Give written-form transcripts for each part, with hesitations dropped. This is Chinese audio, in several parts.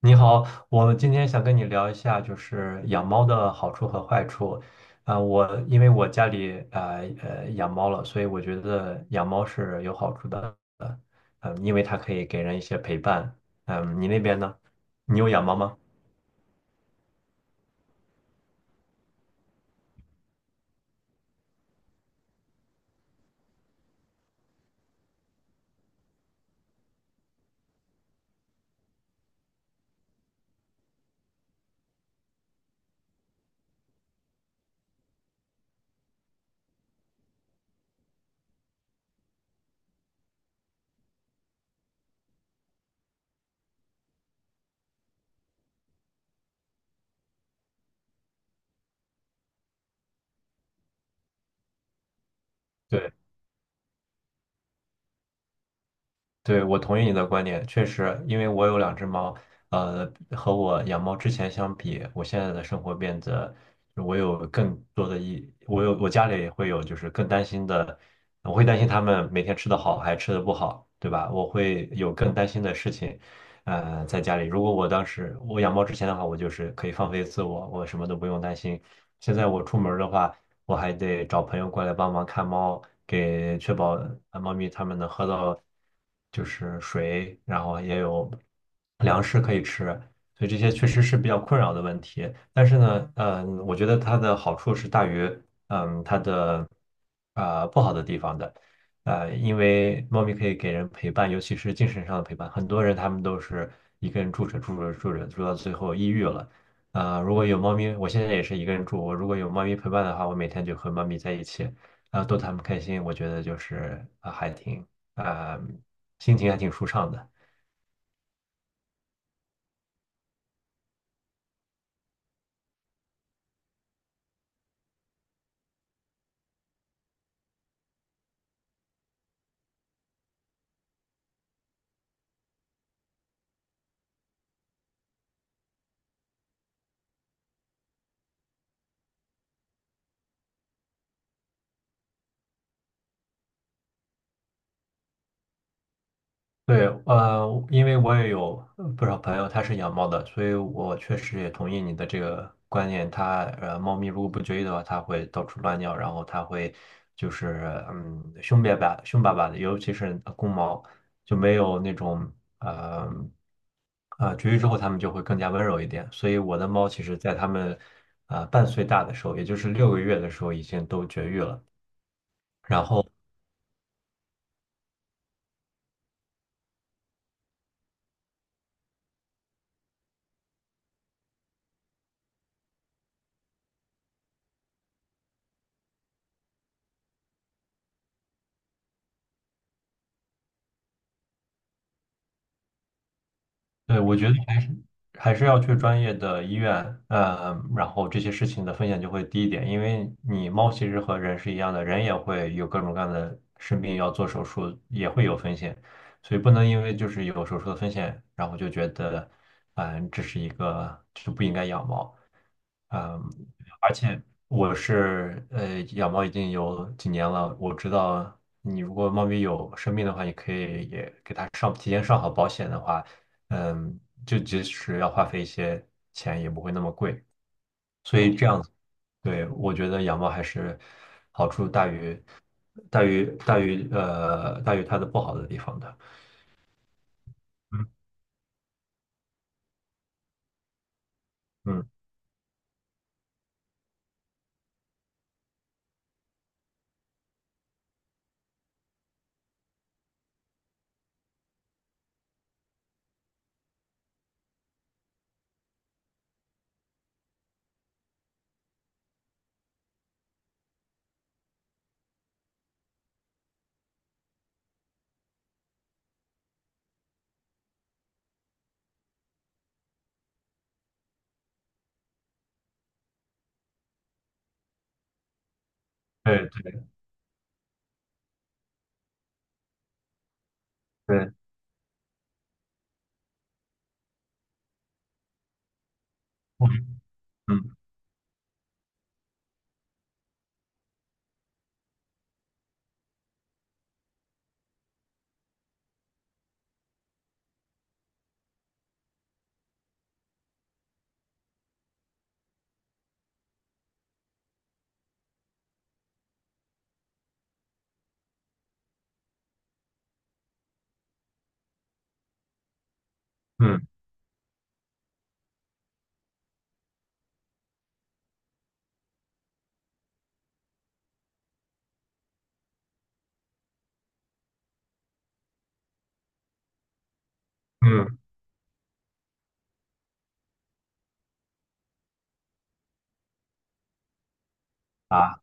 你好，我今天想跟你聊一下，就是养猫的好处和坏处。我因为我家里养猫了，所以我觉得养猫是有好处的。嗯、因为它可以给人一些陪伴。你那边呢？你有养猫吗？对。对，我同意你的观点，确实，因为我有两只猫，和我养猫之前相比，我现在的生活变得，我有更多的一，我有我家里也会有，就是更担心的，我会担心它们每天吃的好还吃的不好，对吧？我会有更担心的事情，在家里。如果我当时我养猫之前的话，我就是可以放飞自我，我什么都不用担心。现在我出门儿的话，我还得找朋友过来帮忙看猫，给确保猫咪它们能喝到就是水，然后也有粮食可以吃，所以这些确实是比较困扰的问题。但是呢，我觉得它的好处是大于它的不好的地方的。因为猫咪可以给人陪伴，尤其是精神上的陪伴。很多人他们都是一个人住着住着住着住到最后抑郁了。如果有猫咪，我现在也是一个人住。我如果有猫咪陪伴的话，我每天就和猫咪在一起，然后逗它们开心，我觉得就是还挺啊、心情还挺舒畅的。对，因为我也有不少朋友他是养猫的，所以我确实也同意你的这个观念。猫咪如果不绝育的话，它会到处乱尿，然后它会就是凶巴巴、凶巴巴的，尤其是公猫就没有那种呃绝育之后，它们就会更加温柔一点。所以我的猫其实在它们半岁大的时候，也就是6个月的时候已经都绝育了。然后对，我觉得。还是要去专业的医院，然后这些事情的风险就会低一点，因为你猫其实和人是一样的，人也会有各种各样的生病，要做手术也会有风险，所以不能因为就是有手术的风险，然后就觉得，这是一个就不应该养猫。嗯，而且我是养猫已经有几年了，我知道你如果猫咪有生病的话，你可以也给它上提前上好保险的话，嗯，就即使要花费一些钱也不会那么贵，所以这样子，对，我觉得养猫还是好处大于它的不好的地方的，嗯嗯，对对对，嗯嗯嗯嗯啊，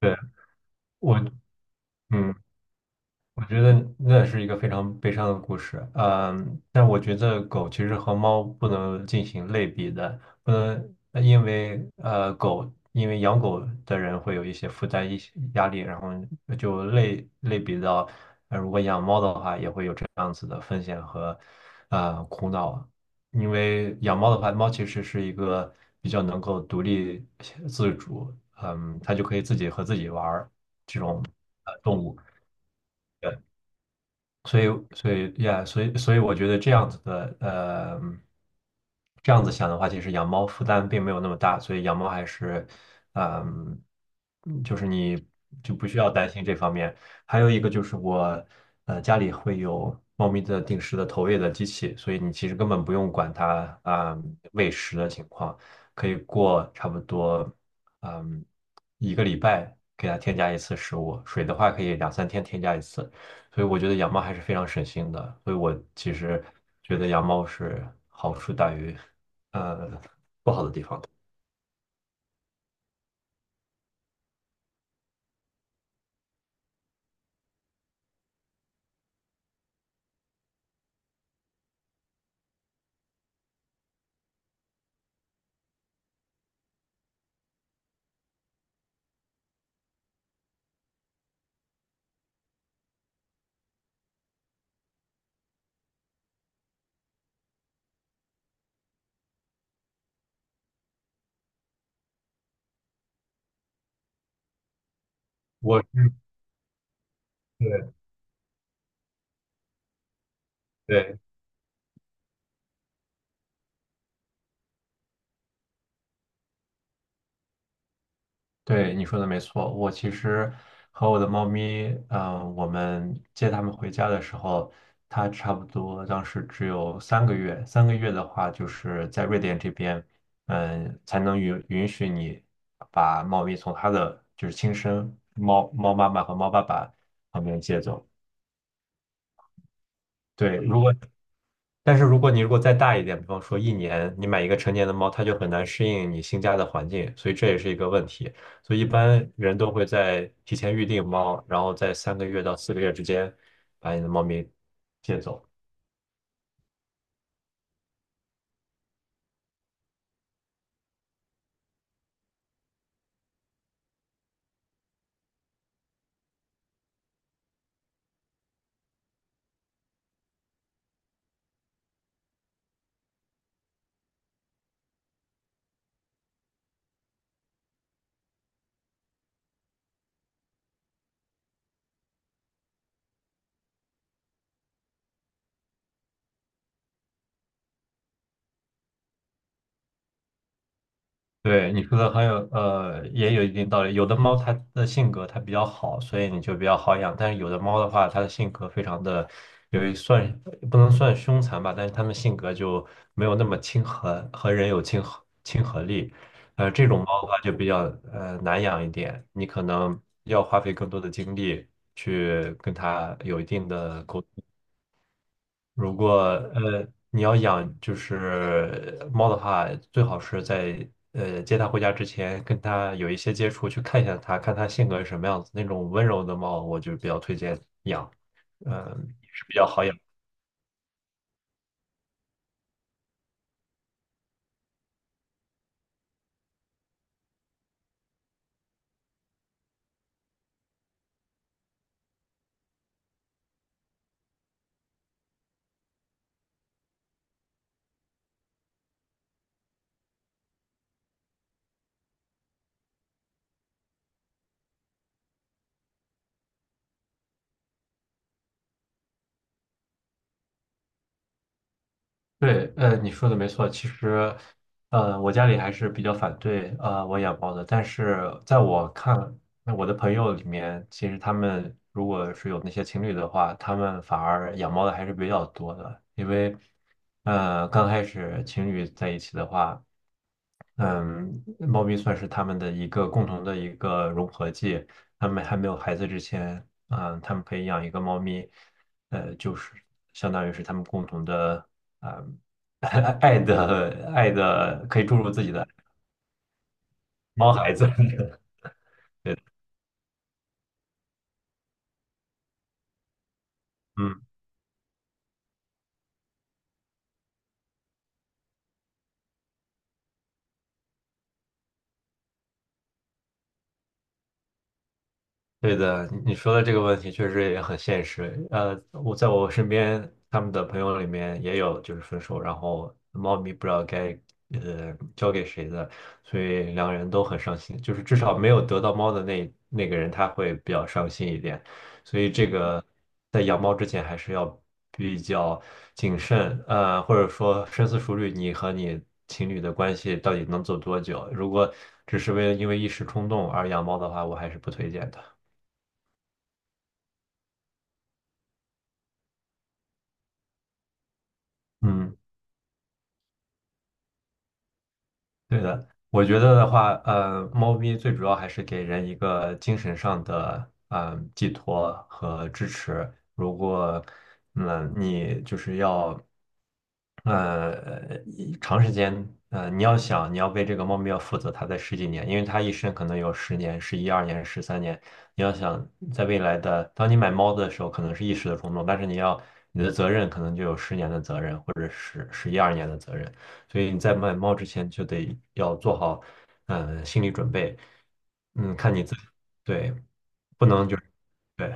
对我嗯。我觉得那是一个非常悲伤的故事，但我觉得狗其实和猫不能进行类比的，不能呃因为呃狗，因为养狗的人会有一些负担、一些压力，然后就类比到，如果养猫的话，也会有这样子的风险和苦恼，因为养猫的话，猫其实是一个比较能够独立自主，它就可以自己和自己玩儿这种动物。所以，所以呀，所以，所以我觉得这样子的，这样子想的话，其实养猫负担并没有那么大，所以养猫还是，嗯，就是你就不需要担心这方面。还有一个就是我，家里会有猫咪的定时的投喂的机器，所以你其实根本不用管它啊，喂食的情况，可以过差不多，嗯，一个礼拜给它添加一次食物，水的话可以两三天添加一次。所以我觉得养猫还是非常省心的。所以我其实觉得养猫是好处大于，呃，我是对对对，你说的没错。我其实和我的猫咪，我们接它们回家的时候，它差不多当时只有三个月。三个月的话，就是在瑞典这边，才能允许你把猫咪从它的就是亲生猫猫妈妈和猫爸爸旁边接走。对，但是如果你再大一点，比方说一年，你买一个成年的猫，它就很难适应你新家的环境，所以这也是一个问题。所以一般人都会在提前预定猫，然后在3个月到4个月之间把你的猫咪接走。对，你说的很有，也有一定道理。有的猫它的性格它比较好，所以你就比较好养。但是有的猫的话，它的性格非常的，有一算不能算凶残吧，但是它们性格就没有那么亲和，和人有亲和力。这种猫的话就比较难养一点，你可能要花费更多的精力去跟它有一定的沟。如果你要养就是猫的话，最好是在接它回家之前跟它有一些接触，去看一下它，看它性格是什么样子。那种温柔的猫，我就比较推荐养，嗯、也是比较好养。对，你说的没错。其实，我家里还是比较反对我养猫的，但是在我看，那我的朋友里面，其实他们如果是有那些情侣的话，他们反而养猫的还是比较多的，因为，刚开始情侣在一起的话。嗯，猫咪算是他们的一个共同的一个融合剂。他们还没有孩子之前，他们可以养一个猫咪，就是相当于是他们共同的，啊、爱的爱的，可以注入自己的猫孩子。嗯。对的，你说的这个问题确实也很现实。我在我身边，他们的朋友里面也有就是分手，然后猫咪不知道该交给谁的，所以两个人都很伤心。就是至少没有得到猫的那个人，他会比较伤心一点。所以这个在养猫之前还是要比较谨慎，或者说深思熟虑，你和你情侣的关系到底能走多久？如果只是为了因为一时冲动而养猫的话，我还是不推荐的。嗯，对的，我觉得的话，猫咪最主要还是给人一个精神上的，寄托和支持。如果，你就是要，一长时间，你要想你要为这个猫咪要负责它的十几年，因为它一生可能有十年、十一二年、13年。你要想在未来的，当你买猫的时候，可能是一时的冲动，但是你的责任可能就有十年的责任，或者十一二年的责任。所以你在买猫之前就得要做好心理准备，看你自己，对，不能就是对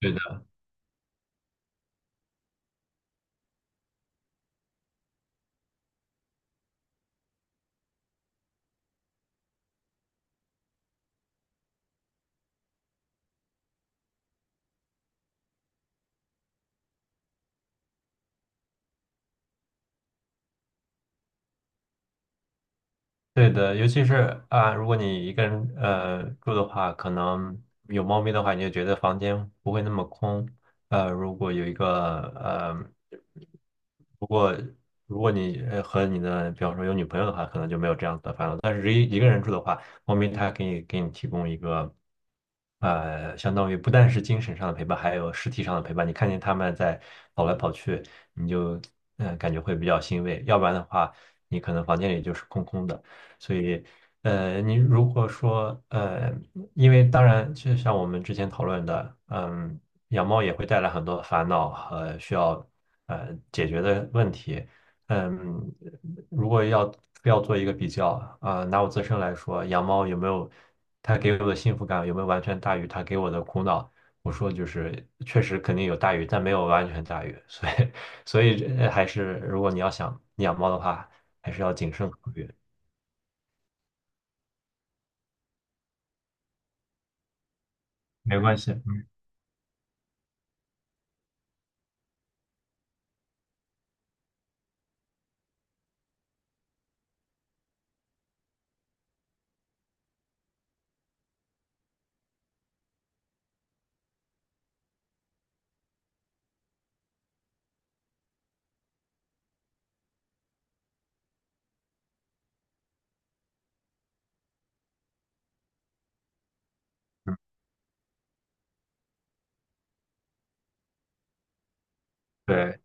对的。对的，尤其是啊，如果你一个人住的话，可能有猫咪的话，你就觉得房间不会那么空。如果有一个呃，如果如果你和你的，比方说有女朋友的话，可能就没有这样的烦恼。但是一个人住的话，猫咪它给你提供一个相当于不但是精神上的陪伴，还有实体上的陪伴。你看见它们在跑来跑去，你就感觉会比较欣慰。要不然的话，你可能房间里就是空空的。所以，你如果说，因为当然，就像我们之前讨论的，养猫也会带来很多的烦恼和需要解决的问题。嗯，如果要做一个比较啊，拿我自身来说，养猫有没有它给我的幸福感，有没有完全大于它给我的苦恼？我说就是确实肯定有大于，但没有完全大于，所以还是如果你要想养猫的话，还是要谨慎考虑。没关系，嗯，对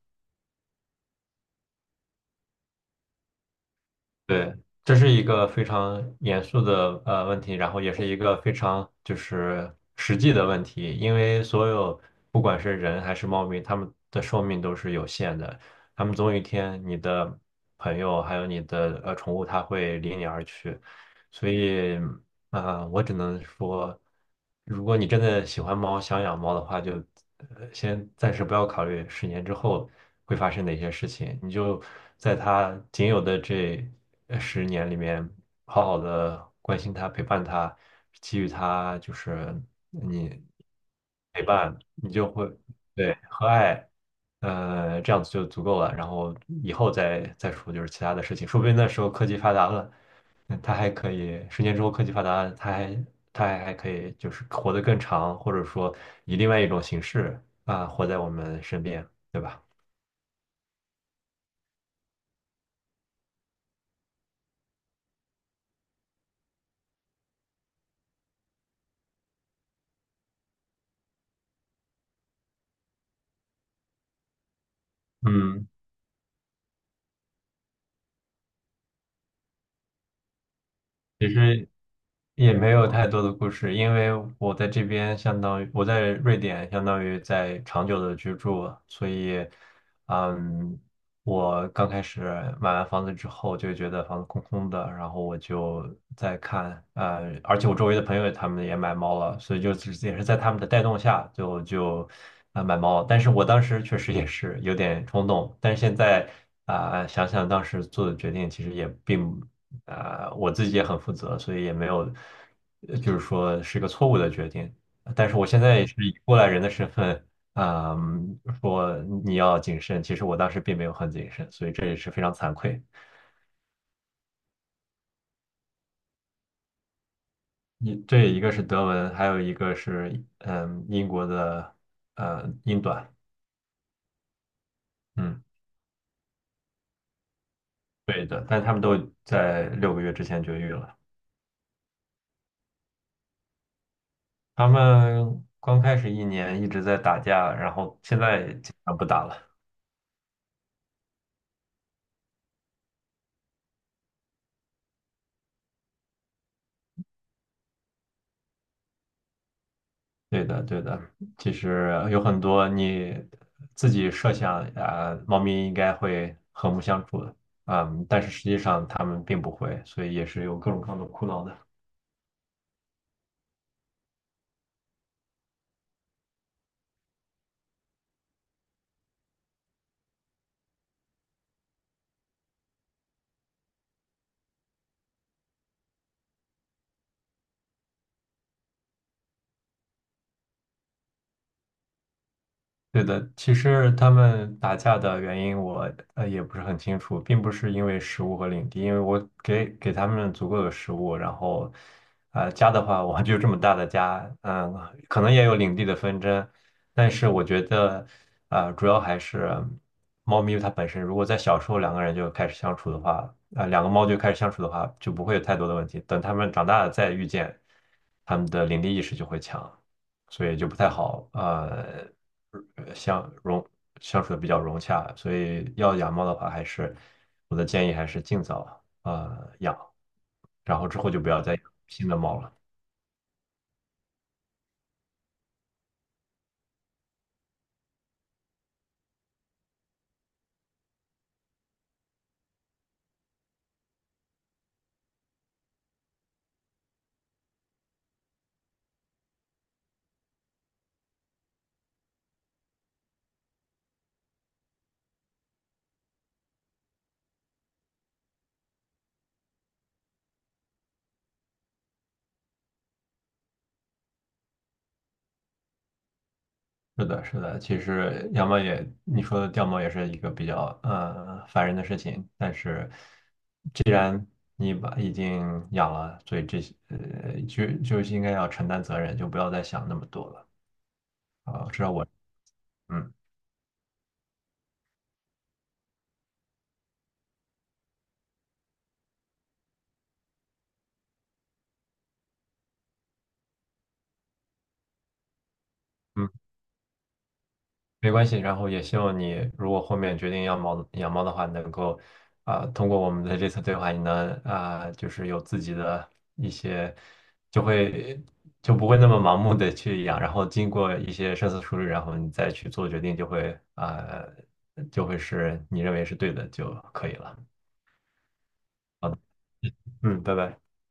对，这是一个非常严肃的问题，然后也是一个非常就是实际的问题，因为所有不管是人还是猫咪，它们的寿命都是有限的，它们总有一天你的朋友还有你的宠物它会离你而去，所以。啊，我只能说，如果你真的喜欢猫，想养猫的话，就先暂时不要考虑十年之后会发生哪些事情，你就在它仅有的这十年里面，好好的关心它、陪伴它，给予它就是你陪伴，你就会对和爱，这样子就足够了。然后以后再说就是其他的事情，说不定那时候科技发达了。它还可以，十年之后科技发达，它还可以就是活得更长，或者说以另外一种形式啊，活在我们身边，对吧？嗯，其实也没有太多的故事，因为我在这边相当于我在瑞典，相当于在长久的居住，所以，嗯，我刚开始买完房子之后就觉得房子空空的，然后我就在看，而且我周围的朋友他们也买猫了，所以就只是也是在他们的带动下就买猫了但是我当时确实也是有点冲动，但是现在想想当时做的决定，其实也我自己也很负责，所以也没有，就是说是个错误的决定。但是我现在也是以过来人的身份，啊、说你要谨慎，其实我当时并没有很谨慎，所以这也是非常惭愧。你这一个是德文，还有一个是英国的英短，嗯，对的，但他们都在6个月之前绝育了。他们刚开始一年一直在打架，然后现在基本上不打了。对的，对的，其实有很多你自己设想啊，猫咪应该会和睦相处的，嗯，但是实际上它们并不会，所以也是有各种各样的苦恼的。对的，其实他们打架的原因我也不是很清楚，并不是因为食物和领地，因为我给他们足够的食物，然后，家的话，我就这么大的家，可能也有领地的纷争，但是我觉得，主要还是猫咪它本身，如果在小时候两个人就开始相处的话，两个猫就开始相处的话，就不会有太多的问题，等它们长大了再遇见，它们的领地意识就会强。所以就不太好，呃相融相处的比较融洽，所以要养猫的话，还是我的建议还是尽早养，然后之后就不要再养新的猫了。是的，是的，其实养猫也，你说的掉毛也是一个比较烦人的事情，但是既然你把已经养了，所以这些就应该要承担责任，就不要再想那么多了啊，至少我嗯嗯。没关系，然后也希望你如果后面决定养猫的话，能够通过我们的这次对话，你能就是有自己的一些，就会就不会那么盲目的去养，然后经过一些深思熟虑，然后你再去做决定，就会是你认为是对的就可以了。好的，嗯，拜拜。